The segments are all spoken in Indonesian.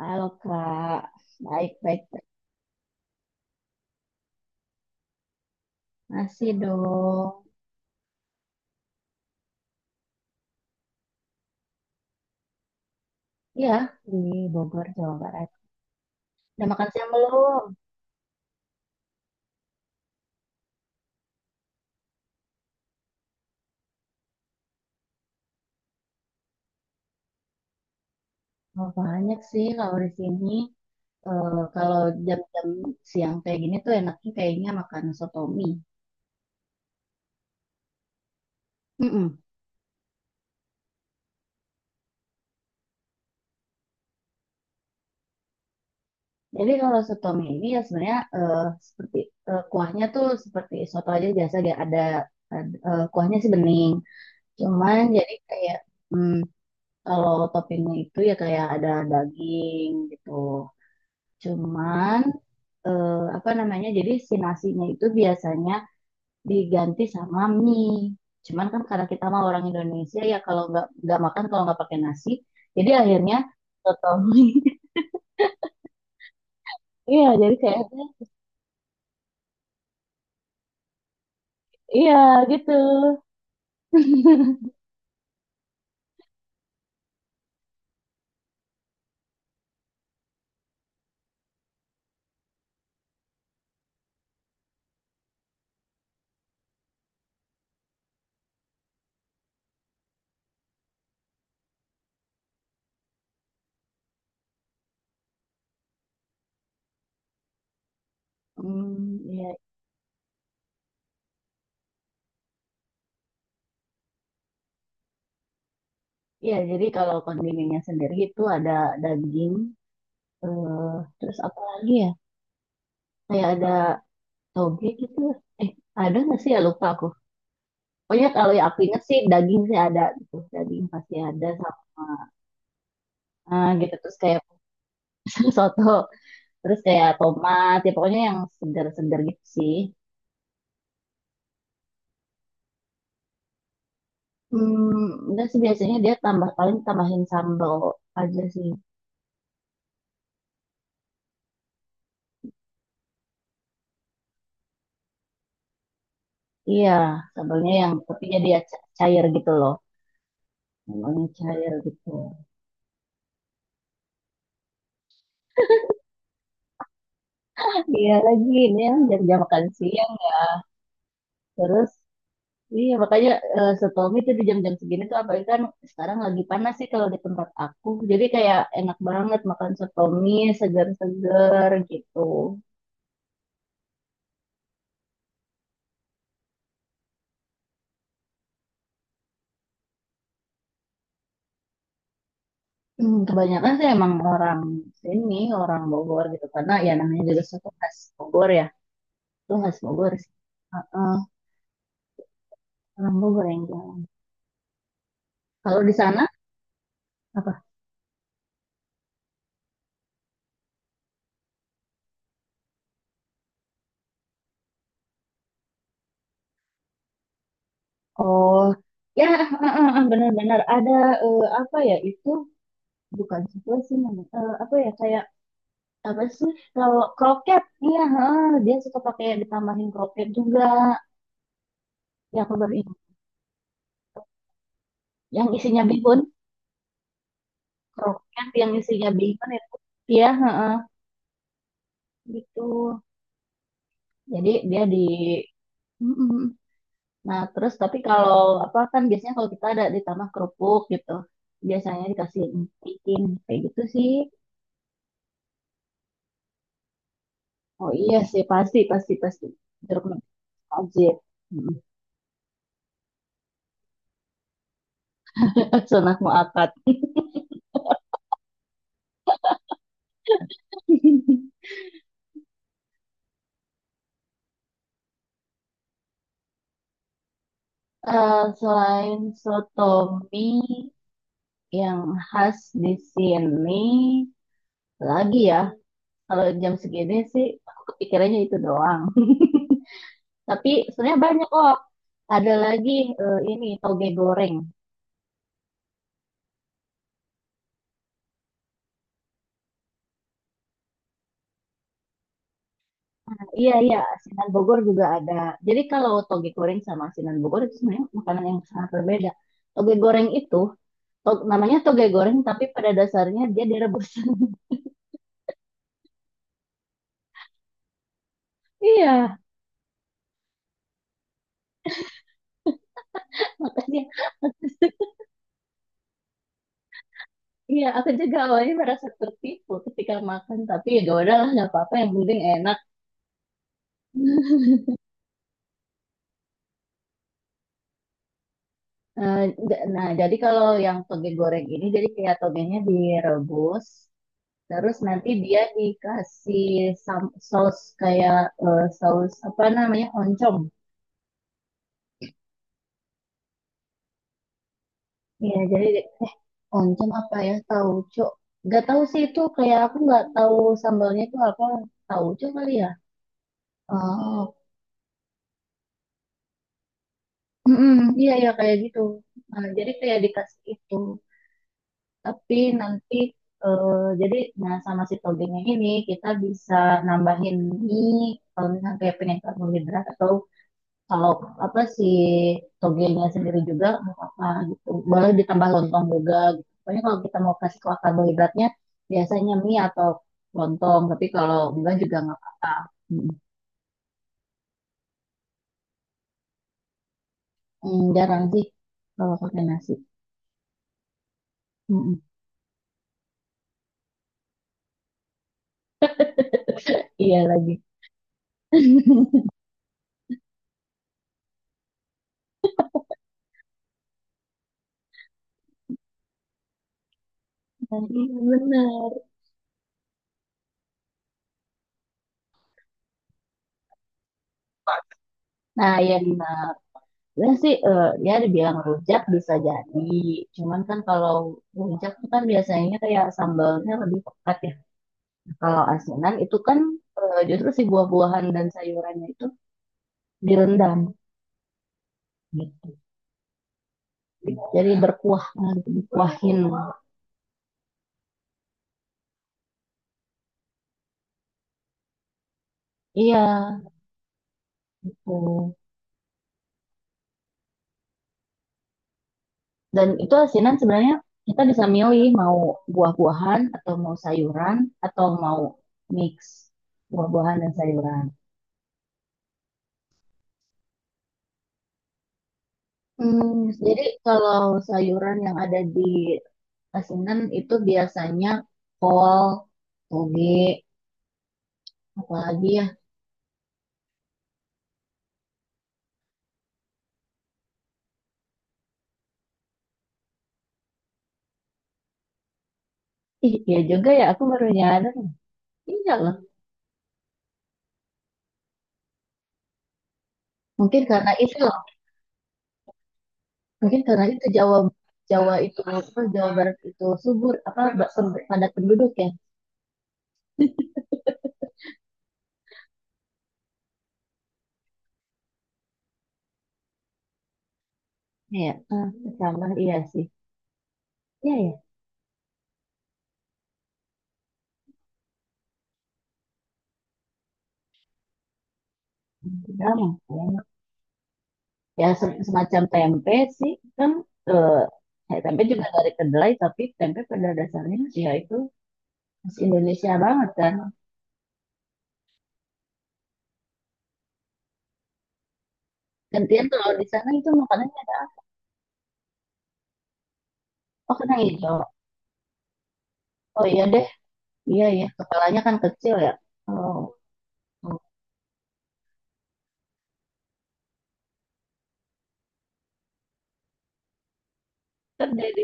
Halo Kak, baik-baik. Masih dong. Iya, di Bogor, Jawa Barat. Udah makan siang belum? Oh, banyak sih kalau di sini. Kalau jam-jam siang kayak gini tuh enaknya kayaknya makan soto mie. Mm-mm. Jadi kalau soto mie ini ya sebenarnya seperti kuahnya tuh seperti soto aja biasa dia ada, kuahnya sih bening. Cuman jadi kayak hmm, kalau toppingnya itu ya kayak ada daging gitu. Cuman apa namanya? Jadi si nasinya itu biasanya diganti sama mie. Cuman kan karena kita mah orang Indonesia ya kalau nggak makan kalau nggak pakai nasi, jadi akhirnya soto mie. Iya, jadi kayaknya iya gitu. Hmm, iya, iya. Jadi kalau kondimennya sendiri itu ada daging, eh, terus apa lagi ya? Kayak ada toge gitu. Eh, ada nggak sih ya lupa aku. Pokoknya kalau yang aku ingat sih daging sih ada gitu, daging pasti ada sama gitu terus kayak soto, terus kayak tomat, ya pokoknya yang segar-segar gitu sih. Hmm, udah sih biasanya dia tambah paling tambahin sambal aja sih. Iya, sambalnya yang tepinya dia cair gitu loh. Sambalnya cair gitu. Iya lagi ini yang jam-jam makan siang terus iya, makanya setau itu di jam-jam segini tuh apalagi kan sekarang lagi panas sih kalau di tempat aku. Jadi kayak enak banget makan soto mie segar-segar gitu. Hmm, kebanyakan sih emang orang sini, orang Bogor gitu. Karena ya namanya juga soto khas Bogor ya. Itu khas Bogor sih. Heeh, orang Bogor yang jual. Kalau di sana apa? Oh, ya heeh, heeh, benar-benar ada apa ya itu bukan soto sih namanya. Apa ya kayak apa sih, kalau kroket iya heeh, dia suka pakai ditambahin kroket juga. Ya aku baru ingat, yang isinya bihun, kroket yang isinya bihun itu, iya heeh, gitu jadi dia di Mm-mm. nah terus tapi kalau apa, kan biasanya kalau kita ada ditambah kerupuk gitu biasanya dikasih emping kayak gitu sih. Oh iya sih, pasti pasti pasti, jeruk nipis wajib. Mm. Sunah muakat. Selain sotomi, yang khas di sini lagi ya, kalau jam segini sih aku kepikirannya itu doang. Tapi sebenarnya banyak kok. Ada lagi ini toge goreng. Nah, iya iya, asinan Bogor juga ada. Jadi kalau toge goreng sama asinan Bogor itu sebenarnya makanan yang sangat berbeda. Toge goreng itu, namanya toge goreng tapi pada dasarnya dia direbus. Iya, makanya iya aku juga awalnya merasa tertipu ketika makan tapi ya udahlah nggak apa-apa yang penting enak. Eh, Nah, jadi kalau yang toge goreng ini, jadi kayak togenya direbus, terus nanti dia dikasih saus kayak saus apa namanya, oncom. Iya, jadi eh oncom apa ya? Tauco. Gak tahu sih itu kayak aku nggak tahu sambalnya itu apa. Tauco kali ya. Oh, mm-mm, iya ya kayak gitu. Nah, jadi kayak dikasih itu. Tapi nanti eh, jadi nah sama si togenya ini kita bisa nambahin mie kalau misalnya kayak pengen karbohidrat, atau kalau apa si togenya sendiri juga nggak apa gitu. Boleh ditambah lontong juga gitu. Pokoknya kalau kita mau kasih kuah karbohidratnya biasanya mie atau lontong, tapi kalau enggak juga nggak apa-apa. Mm, mm, jarang sih kalau pakai nasi. Mm, mm. Iya lagi. Nah, iya benar. Nah, ya Dina. Sebenarnya sih dia dibilang rujak bisa jadi. Cuman kan kalau rujak tuh kan biasanya kayak sambalnya lebih pekat ya. Kalau asinan itu kan justru si buah-buahan dan sayurannya itu direndam gitu. Jadi berkuah gitu, dikuahin. Iya, gitu. Dan itu asinan sebenarnya kita bisa milih mau buah-buahan atau mau sayuran atau mau mix buah-buahan dan sayuran. Hmm, jadi kalau sayuran yang ada di asinan itu biasanya kol, toge, apalagi ya. Ih, iya juga ya, aku baru nyadar. Iya loh. Mungkin karena itu loh. Mungkin karena itu Jawa Jawa itu apa, Jawa Barat itu subur apa padat penduduk ya. Iya, ah, sama iya sih. Iya ya. Sama, sama. Ya semacam tempe sih kan, eh, ya, tempe juga dari kedelai tapi tempe pada dasarnya ya itu khas Indonesia banget kan. Gantian kalau di sana itu makanan. Oh, kena hijau. Oh iya deh. Iya ya, kepalanya kan kecil ya. Oh, oh. Kan dari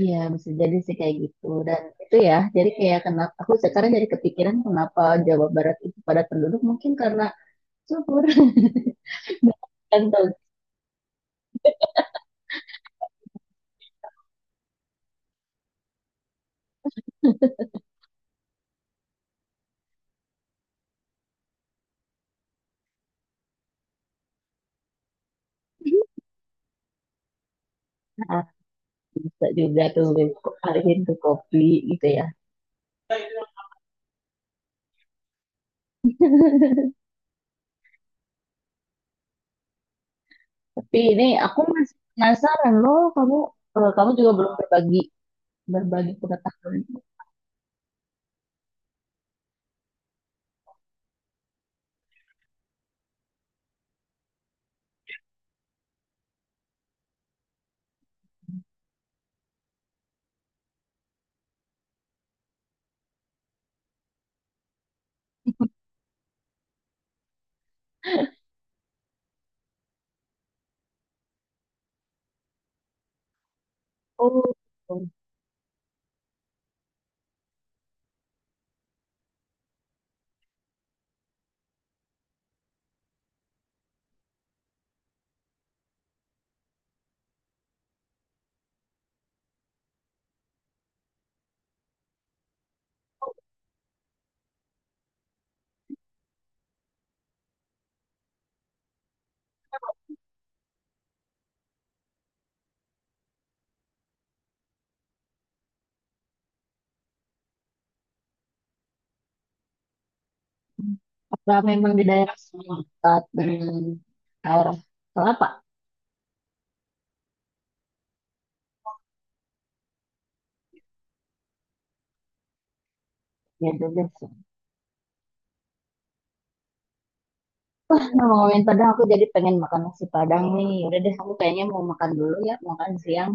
iya, bisa jadi sih kayak gitu. Dan itu ya, jadi kayak kenapa aku sekarang jadi kepikiran kenapa Jawa Barat itu padat penduduk mungkin karena subur. Kan tuh nah, bisa juga tuh alihin ke kopi gitu ya. Tapi ini aku masih penasaran loh, kamu kamu juga belum berbagi berbagi pengetahuan. Oh, apa memang di daerah sana dekat dengan daerah kelapa? Ya juga sih. Nah, ngomongin Padang aku jadi pengen makan nasi Padang nih. Ya udah deh aku kayaknya mau makan dulu ya, makan siang.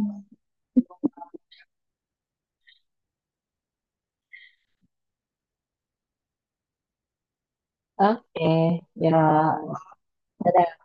Oke ya, dadah.